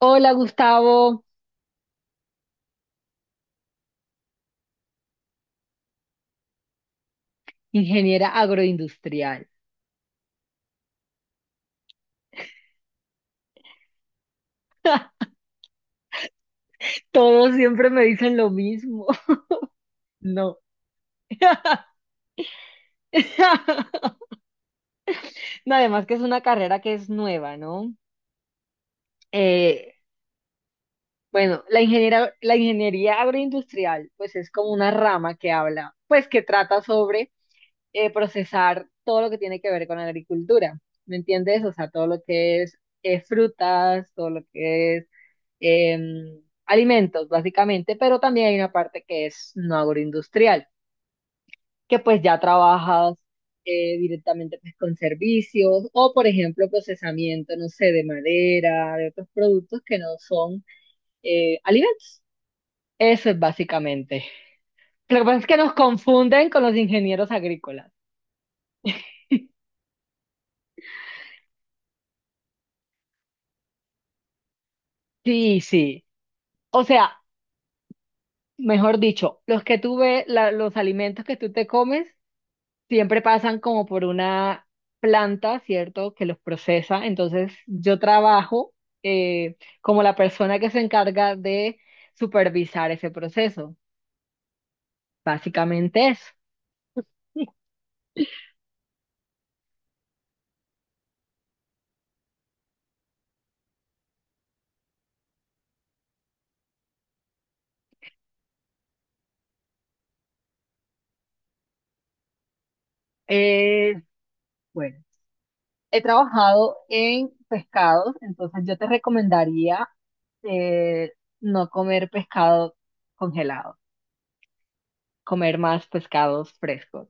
Hola Gustavo, ingeniera agroindustrial. Todos siempre me dicen lo mismo. No. No, además que es una carrera que es nueva, ¿no? Eh, bueno, la ingeniería agroindustrial, pues es como una rama que habla, pues que trata sobre procesar todo lo que tiene que ver con la agricultura. ¿Me entiendes? O sea, todo lo que es frutas, todo lo que es alimentos, básicamente, pero también hay una parte que es no agroindustrial, que pues ya trabajas directamente pues, con servicios o, por ejemplo, procesamiento, no sé, de madera, de otros productos que no son alimentos. Eso es básicamente. Lo que pasa es que nos confunden con los ingenieros agrícolas. Sí, sí. O sea, mejor dicho, los que tú ves, los alimentos que tú te comes siempre pasan como por una planta, ¿cierto? Que los procesa. Entonces, yo trabajo como la persona que se encarga de supervisar ese proceso. Básicamente eso. Eh, bueno, he trabajado en pescados, entonces yo te recomendaría eh, no comer pescado congelado, comer más pescados frescos.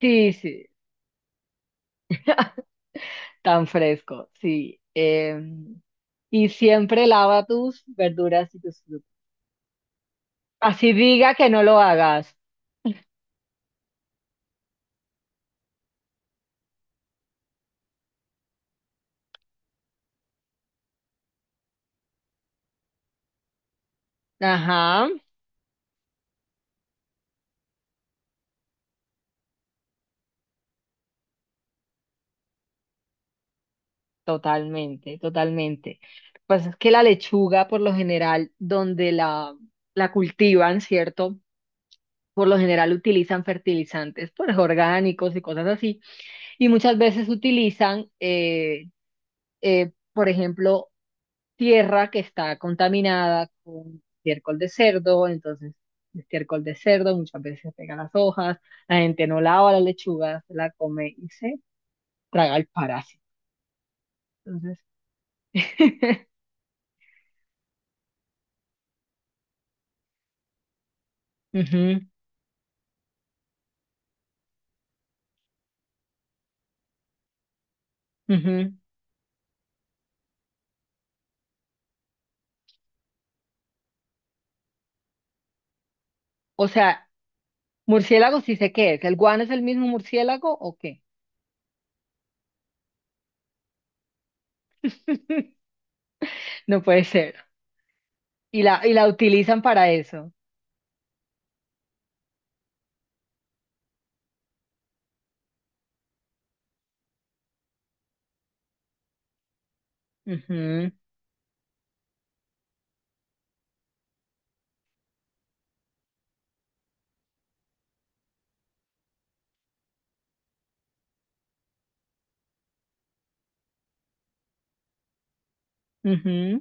Sí, sí, tan fresco, sí. Y siempre lava tus verduras y tus frutas. Así diga que no lo hagas. Ajá, totalmente, totalmente. Lo que pasa es que la lechuga, por lo general, la cultivan, ¿cierto? Por lo general utilizan fertilizantes, pues orgánicos y cosas así. Y muchas veces utilizan por ejemplo, tierra que está contaminada con estiércol de cerdo, entonces el estiércol de cerdo muchas veces pega las hojas, la gente no lava la lechuga, se la come y se traga el parásito. Entonces, ujú, ujú. O sea, murciélago sí sé qué es, ¿el guano es el mismo murciélago o qué? No puede ser. Y la utilizan para eso. Ujú, ujú.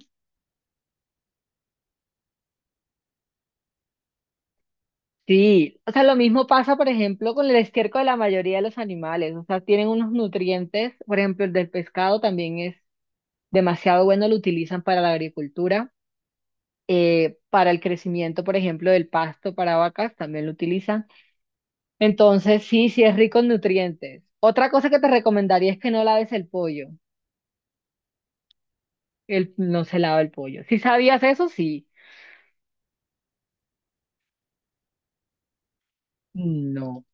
Sí, o sea, lo mismo pasa, por ejemplo, con el estiércol de la mayoría de los animales, o sea, tienen unos nutrientes, por ejemplo, el del pescado también es demasiado bueno, lo utilizan para la agricultura, para el crecimiento, por ejemplo, del pasto para vacas, también lo utilizan. Entonces, sí, sí es rico en nutrientes. Otra cosa que te recomendaría es que no laves el pollo, no se lava el pollo. ¿Sí sabías eso? Sí. No,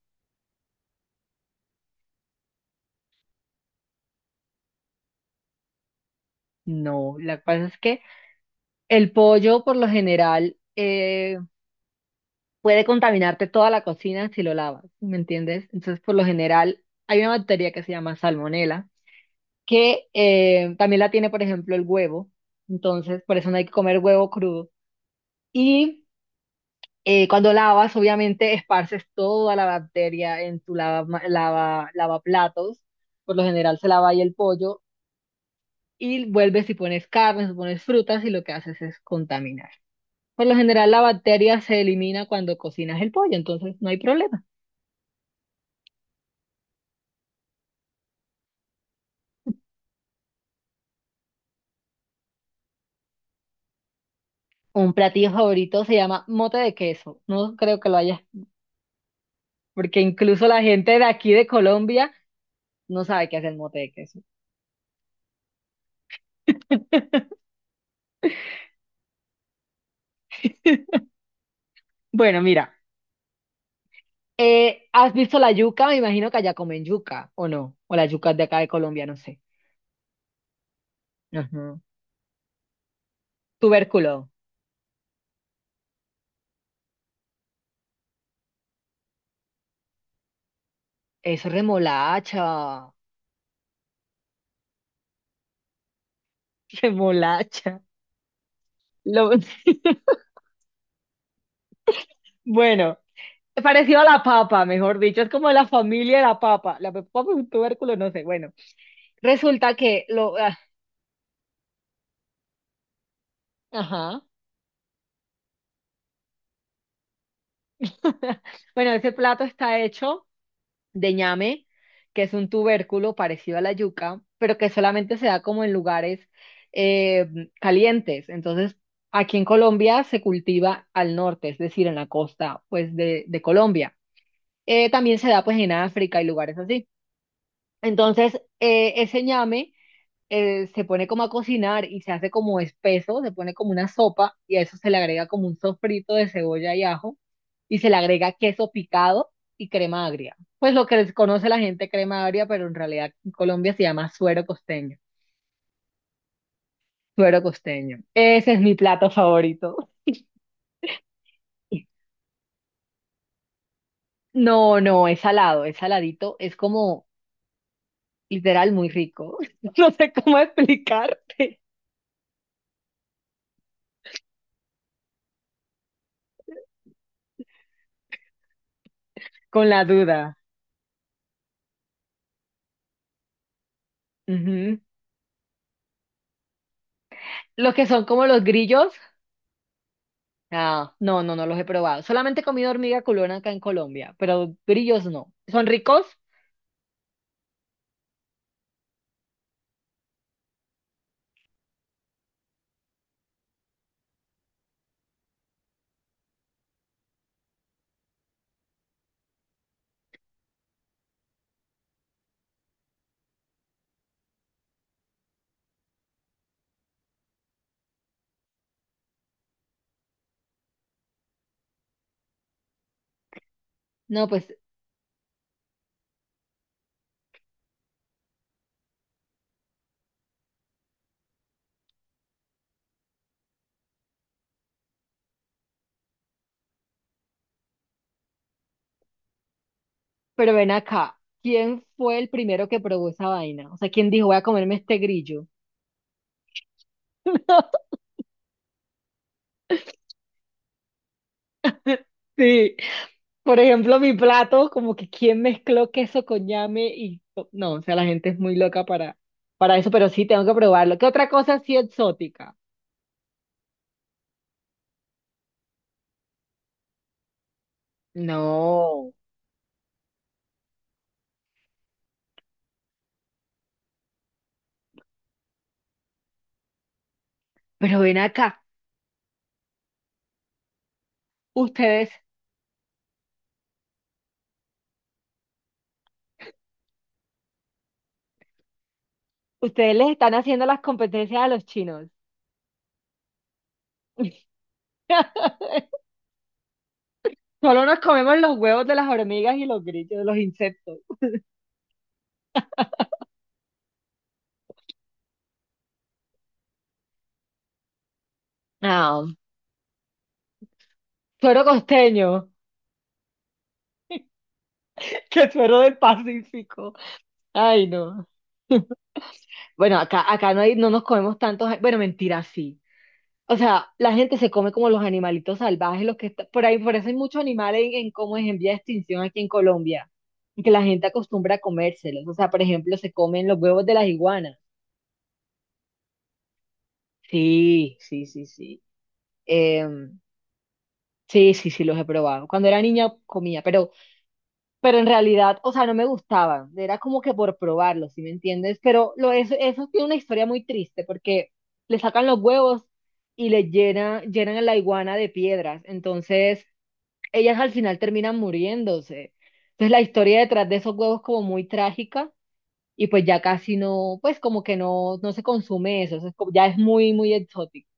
no, la cosa es que el pollo por lo general... puede contaminarte toda la cocina si lo lavas, ¿me entiendes? Entonces, por lo general, hay una bacteria que se llama salmonela, que también la tiene, por ejemplo, el huevo. Entonces, por eso no hay que comer huevo crudo. Y cuando lavas, obviamente, esparces toda la bacteria en tu lavaplatos. Por lo general, se lava ahí el pollo y vuelves y pones carnes, pones frutas y lo que haces es contaminar. Por lo general, la bacteria se elimina cuando cocinas el pollo, entonces no hay problema. Un platillo favorito se llama mote de queso. No creo que lo haya, porque incluso la gente de aquí de Colombia no sabe qué hace el mote de queso. Bueno, mira, ¿has visto la yuca? Me imagino que allá comen yuca, ¿o no? O la yuca es de acá de Colombia, no sé. Ajá. Tubérculo. Eso es remolacha. Remolacha. Lo- Bueno, parecido a la papa, mejor dicho. Es como la familia de la papa. La papa es un tubérculo, no sé. Bueno, resulta que lo... ah, ajá. Bueno, ese plato está hecho de ñame, que es un tubérculo parecido a la yuca, pero que solamente se da como en lugares eh, calientes. Entonces, aquí en Colombia se cultiva al norte, es decir, en la costa, pues, de Colombia. También se da, pues, en África y lugares así. Entonces, ese ñame se pone como a cocinar y se hace como espeso, se pone como una sopa y a eso se le agrega como un sofrito de cebolla y ajo y se le agrega queso picado y crema agria. Pues lo que conoce la gente crema agria, pero en realidad en Colombia se llama suero costeño. Suero costeño. Ese es mi plato favorito. No, no, es salado, es saladito, es como literal muy rico. No sé cómo explicarte con la duda. Ujú. Los que son como los grillos, ah, no, no, no los he probado. Solamente he comido hormiga culona acá en Colombia, pero grillos no. ¿Son ricos? No, pues, pero ven acá. ¿Quién fue el primero que probó esa vaina? O sea, ¿quién dijo, voy a comerme este grillo? Sí. Por ejemplo, mi plato, como que quién mezcló queso con ñame y... No, o sea, la gente es muy loca para eso, pero sí, tengo que probarlo. ¿Qué otra cosa así exótica? No, pero ven acá. Ustedes, ustedes les están haciendo las competencias a los chinos. Solo nos comemos los huevos de las hormigas y los grillos, de los insectos. Ah, suero costeño, que suero del Pacífico. Ay, no. Bueno, acá no hay, no nos comemos tantos. Bueno, mentira, sí. O sea, la gente se come como los animalitos salvajes, los que está- por ahí, por eso hay muchos animales en como en vía de extinción aquí en Colombia, que la gente acostumbra a comérselos. O sea, por ejemplo, se comen los huevos de las iguanas. Sí, sí, sí, sí. Em, sí, sí, sí, los he probado. Cuando era niña comía, pero en realidad, o sea, no me gustaban, era como que por probarlo, ¿sí me entiendes? Pero lo, eso tiene una historia muy triste porque le sacan los huevos y llenan a la iguana de piedras, entonces ellas al final terminan muriéndose. Entonces la historia detrás de esos huevos como muy trágica y pues ya casi no, pues como que no, no se consume eso, eso es como- ya es muy, muy exótico.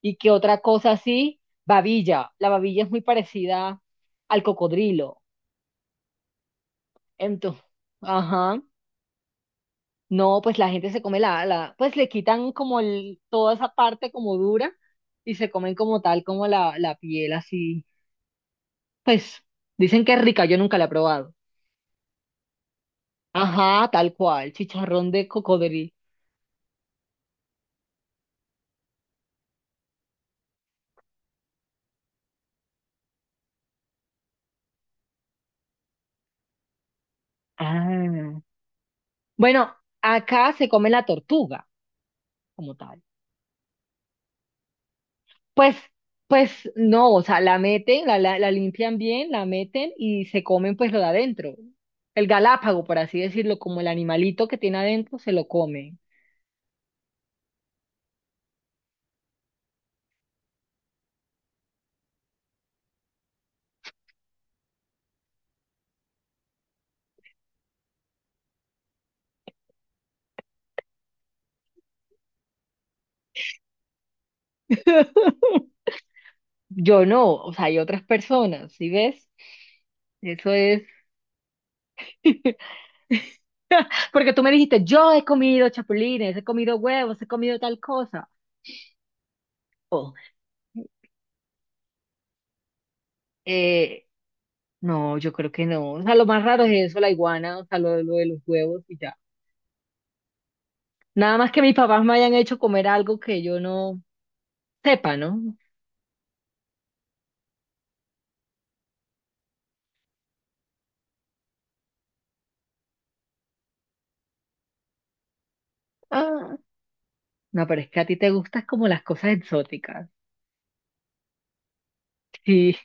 ¿Y qué otra cosa así? Babilla, la babilla es muy parecida al cocodrilo, entonces, ajá. No, pues la gente se come pues le quitan como el- toda esa parte como dura y se comen como tal, como la piel así. Pues dicen que es rica, yo nunca la he probado. Ajá, tal cual, chicharrón de cocodrilo. Ah. Bueno, acá se come la tortuga como tal. Pues, pues no, o sea, la meten, la limpian bien, la meten y se comen pues lo de adentro. El galápago, por así decirlo, como el animalito que tiene adentro, se lo come. Yo no, o sea, hay otras personas, ¿sí ves? Eso es. Porque tú me dijiste, yo he comido chapulines, he comido huevos, he comido tal cosa. Oh, eh, no, yo creo que no. O sea, lo más raro es eso, la iguana, o sea, lo de los huevos y ya. Nada más que mis papás me hayan hecho comer algo que yo no sepa, ¿no? Ah, no, pero es que a ti te gustan como las cosas exóticas. Sí.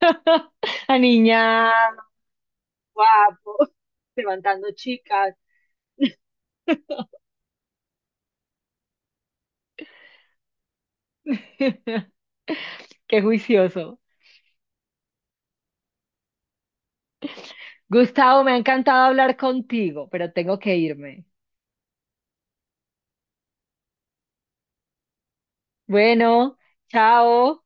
Aniñado, guapo, levantando chicas. Qué juicioso. Gustavo, me ha encantado hablar contigo, pero tengo que irme. Bueno, chao.